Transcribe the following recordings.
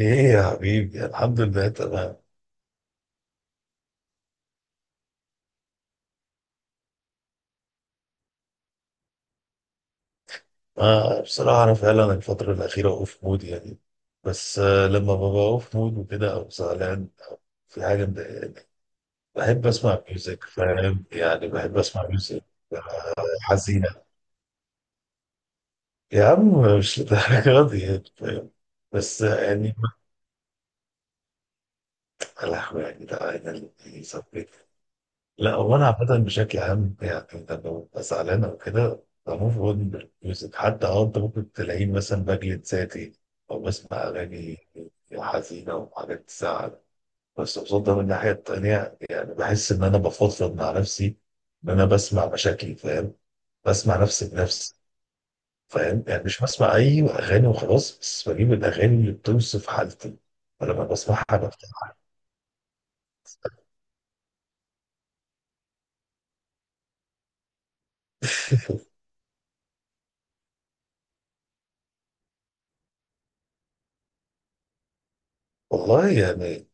ايه يا حبيبي، الحمد لله تمام. بصراحة أنا فعلا الفترة الأخيرة أوف مود يعني. بس لما ببقى أوف مود وكده أو زعلان أو في حاجة مضايقاني، بحب أسمع ميوزك. فاهم؟ يعني بحب أسمع ميوزك آه، حزينة. يا عم مش للدرجة دي يعني، فاهم؟ بس يعني ما تقلق يعني، ده أنا اللي ثبت. لا هو انا عامه بشكل عام يعني لما ببقى زعلان او كده بموف اون بالميوزك. حتى انت ممكن تلاقيني مثلا بجلد ذاتي او بسمع اغاني حزينه وحاجات تزعل. بس قصاد ده من الناحيه التانيه يعني بحس ان انا بفضفض مع نفسي، ان انا بسمع مشاكلي. فاهم؟ بسمع نفسي بنفسي. فاهم؟ يعني مش بسمع اي اغاني وخلاص، بس بجيب الاغاني اللي بتوصف حالتي، فلما بسمعها بفتحها. والله يعني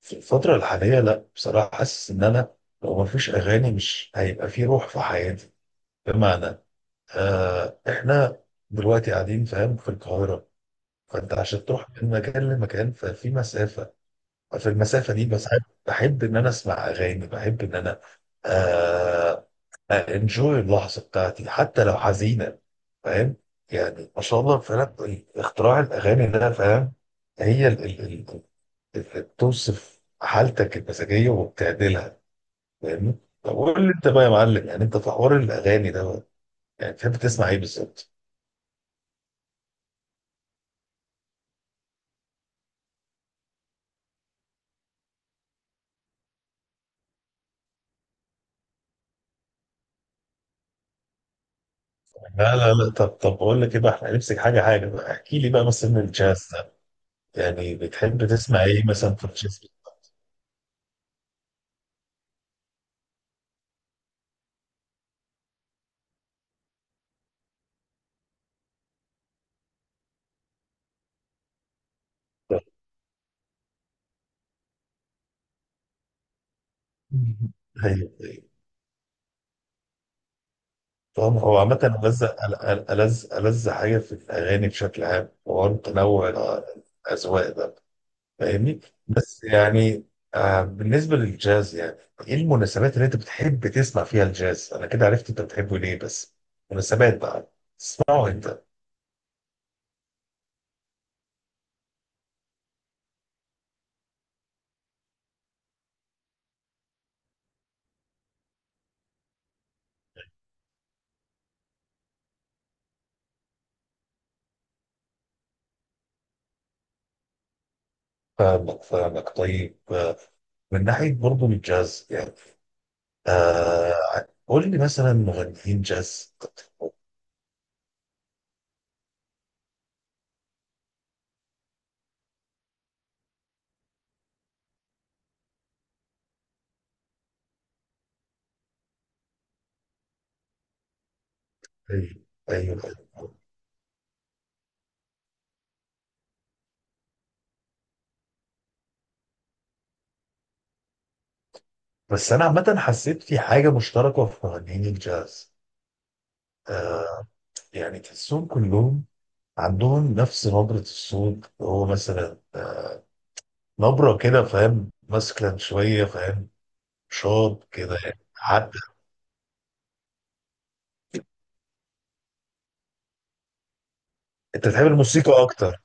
في الفترة الحالية لا، بصراحة حاسس إن أنا لو مفيش أغاني مش هيبقى في روح في حياتي. بمعنى إحنا دلوقتي قاعدين فاهم في القاهرة، فأنت عشان تروح من مكان لمكان ففي مسافة. ففي المسافة دي بس بحب إن أنا أسمع أغاني، بحب إن أنا آه أنجوي اللحظة بتاعتي حتى لو حزينة. فاهم؟ يعني ما شاء الله فعلا اختراع الأغاني ده، فاهم؟ هي بتوصف حالتك المزاجيه وبتعدلها. فاهمني؟ طب قول لي انت بقى يا معلم، يعني انت في حوار الاغاني ده بقى، يعني بتحب تسمع ايه بالظبط؟ لا لا لا، طب بقول لك ايه بقى، احنا هنمسك حاجه حاجه بقى. احكي لي بقى مثلا الجاز ده، يعني بتحب تسمع ايه مثلا في الجاز؟ مهم. ايوه ايوه. طبعا هو عامة ألذ أل- أل- ألذ ألذ حاجة في الأغاني بشكل عام هو تنوع الأذواق ده. فاهمني؟ بس يعني بالنسبه للجاز يعني ايه المناسبات اللي انت بتحب تسمع فيها الجاز؟ انا كده عرفت انت بتحبه ليه بس، مناسبات بقى تسمعه انت. فاهمك طيب. من ناحيه برضه الجاز يعني آه قول لي مثلا مغنيين جاز. طيب، ايوه ايوه. بس انا عامه حسيت في حاجه مشتركه في مغنيين الجاز آه يعني تحسهم كلهم عندهم نفس نبره الصوت، هو مثلا نبرة كده، فاهم؟ مسكن شوية، فاهم؟ شاط كده يعني. حتى انت بتحب الموسيقى اكتر.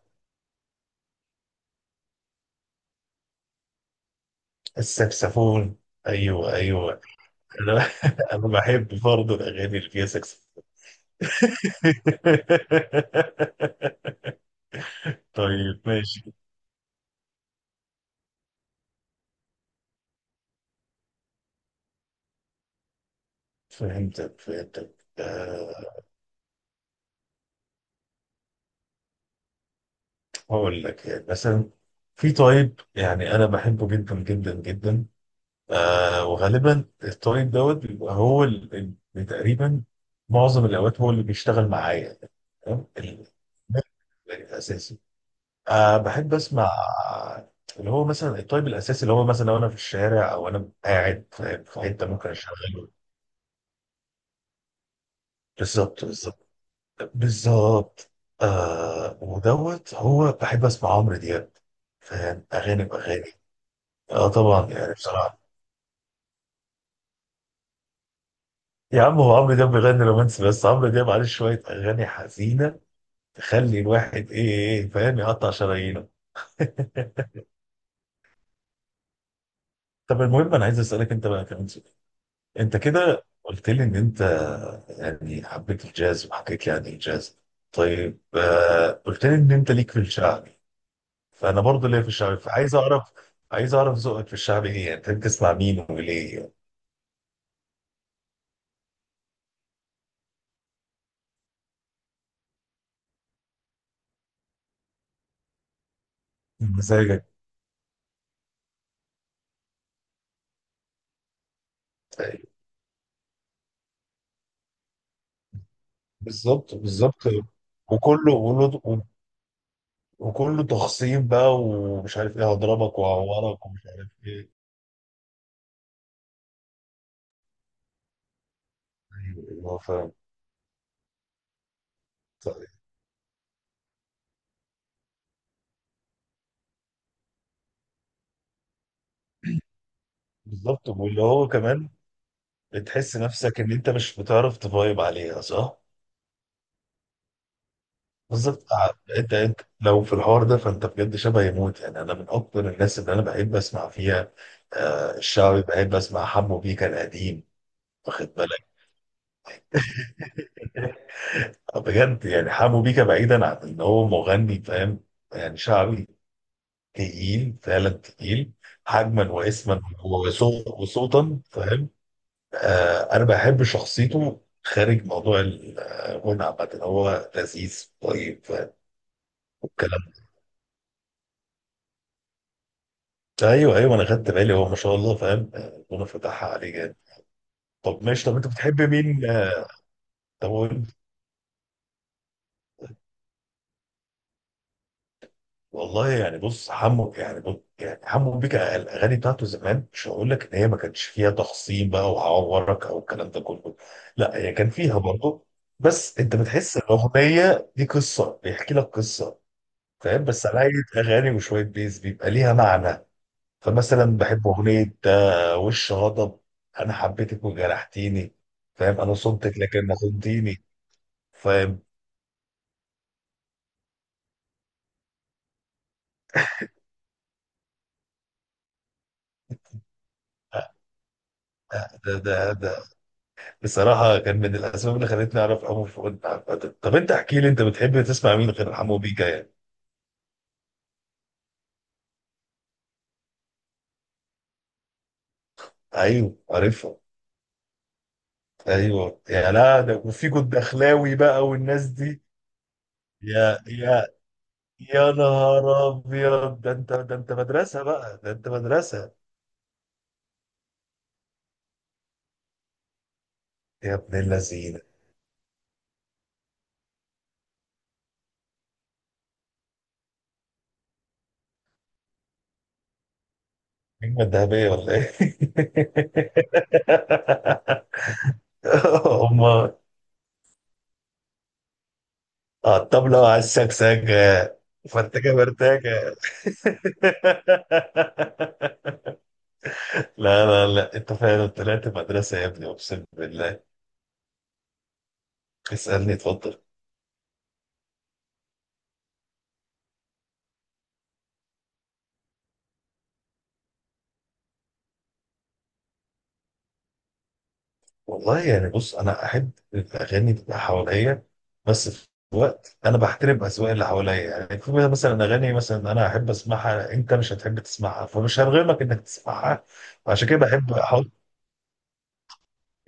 السكسفون، ايوه ايوه. انا انا بحب برضه الاغاني اللي فيها سكسفون. طيب ماشي. فهمتك أه. هقول لك يعني مثلا في طيب يعني انا بحبه جدا جدا جدا. أه، وغالبا الطيب دوت بيبقى هو اللي تقريبا معظم الاوقات هو اللي بيشتغل معايا. تمام؟ ده الاساسي. أه بحب اسمع اللي هو مثلا الطيب الاساسي، اللي هو مثلا لو انا في الشارع او انا قاعد في في حته ممكن اشغله. بالظبط بالظبط بالظبط. آه ودوت هو بحب اسمع عمرو دياب. فاهم؟ اغاني باغاني. اه طبعا يعني بصراحه. يا عم هو عمرو دياب بيغني رومانسي، بس عمرو دياب عليه شويه اغاني حزينه تخلي الواحد ايه ايه إيه، فاهم؟ يقطع شرايينه. طب المهم انا عايز اسالك انت بقى كمان. انت كده قلت لي ان انت يعني حبيت الجاز وحكيت لي عن الجاز. طيب، قلت لي ان انت ليك في الشعبي، فانا برضه ليا في الشعبي. فعايز اعرف عايز اعرف ذوقك في الشعبي ايه، يعني بتحب تسمع مين وليه يعني. مزاجك. طيب، بالظبط بالظبط. وكله وله- وكله تخصيم بقى، ومش عارف ايه هضربك وهعورك ومش عارف ايه. ايوه أيوة، فاهم. طيب، بالظبط. واللي هو كمان بتحس نفسك ان انت مش بتعرف تفايب عليها، صح؟ بالظبط. انت لو في الحوار ده فانت بجد شبه يموت يعني. انا من اكتر الناس اللي انا بحب اسمع فيها الشعبي. بحب اسمع حمو بيكا القديم، واخد بالك؟ بجد يعني حمو بيكا بعيدا عن ان هو مغني، فاهم؟ يعني شعبي تقيل فعلا تقيل، حجما واسما وصوتا. فاهم؟ آه انا بحب شخصيته خارج موضوع الغنى، عامة هو لذيذ طيب. فاهم الكلام؟ ايوه ايوه انا خدت بالي هو ما شاء الله، فاهم؟ ربنا فتحها عليه جامد. طب ماشي، طب انت بتحب مين؟ طب هو- والله يعني بص حمو يعني، بص يعني حمو بيكا الاغاني بتاعته زمان مش هقول لك ان هي ما كانش فيها تخصيم بقى وعورك او الكلام ده كله، لا هي كان فيها برضه. بس انت بتحس ان الاغنيه دي قصه، بيحكي لك قصه. فاهم؟ بس على اغاني وشويه بيز بيبقى ليها معنى. فمثلا بحب اغنيه وش غضب: انا حبيتك وجرحتيني، فاهم؟ انا صمتك لكن ما خنتيني. فاهم؟ آه، ده بصراحه كان من الاسباب اللي خلتني اعرف حمو بيكا. طب انت احكي لي انت بتحب تسمع مين غير حمو بيكا يعني. ايوه عارفها. ايوه يا لا، ده وفي جد اخلاوي بقى والناس دي. يا يا يا نهار ابيض، ده انت، ده انت مدرسه بقى، ده انت مدرسه يا ابن اللذين. النجمة الذهبية ولا ايه؟ هما على الطبلة على السكسكة. فانت كده مرتاجة. لا لا لا، انت فعلا طلعت مدرسة يا ابني اقسم بالله. اسألني، اتفضل. والله يعني بص انا احب الاغاني تبقى حواليا، بس في وقت انا بحترم اذواق اللي حواليا يعني. في مثلا اغاني مثلا انا احب اسمعها انت مش هتحب تسمعها، فمش هرغمك انك تسمعها. عشان كده بحب احاول.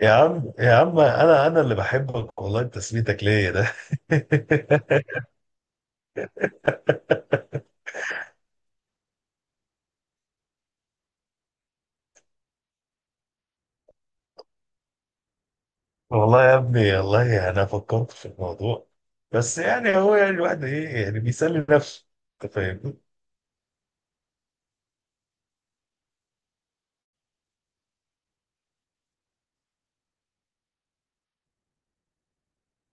يا عم يا عم انا، انا اللي بحبك والله، تسميتك ليا ده. والله يا ابني والله انا فكرت في الموضوع. بس يعني هو يعني الواحد ايه يعني بيسلي نفسه. انت فاهمني؟ ان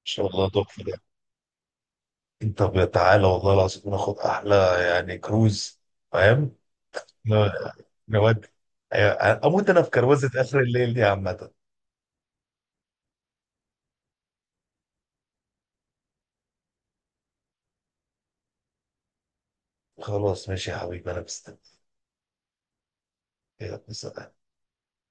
شاء الله تحفه ده. انت تعالى والله العظيم ناخد احلى يعني كروز. فاهم؟ ن- نودي. أيوة، اموت انا في كروزه اخر الليل دي عامه. خلاص ماشي يا حبيبي انا مستني. يلا، سلام.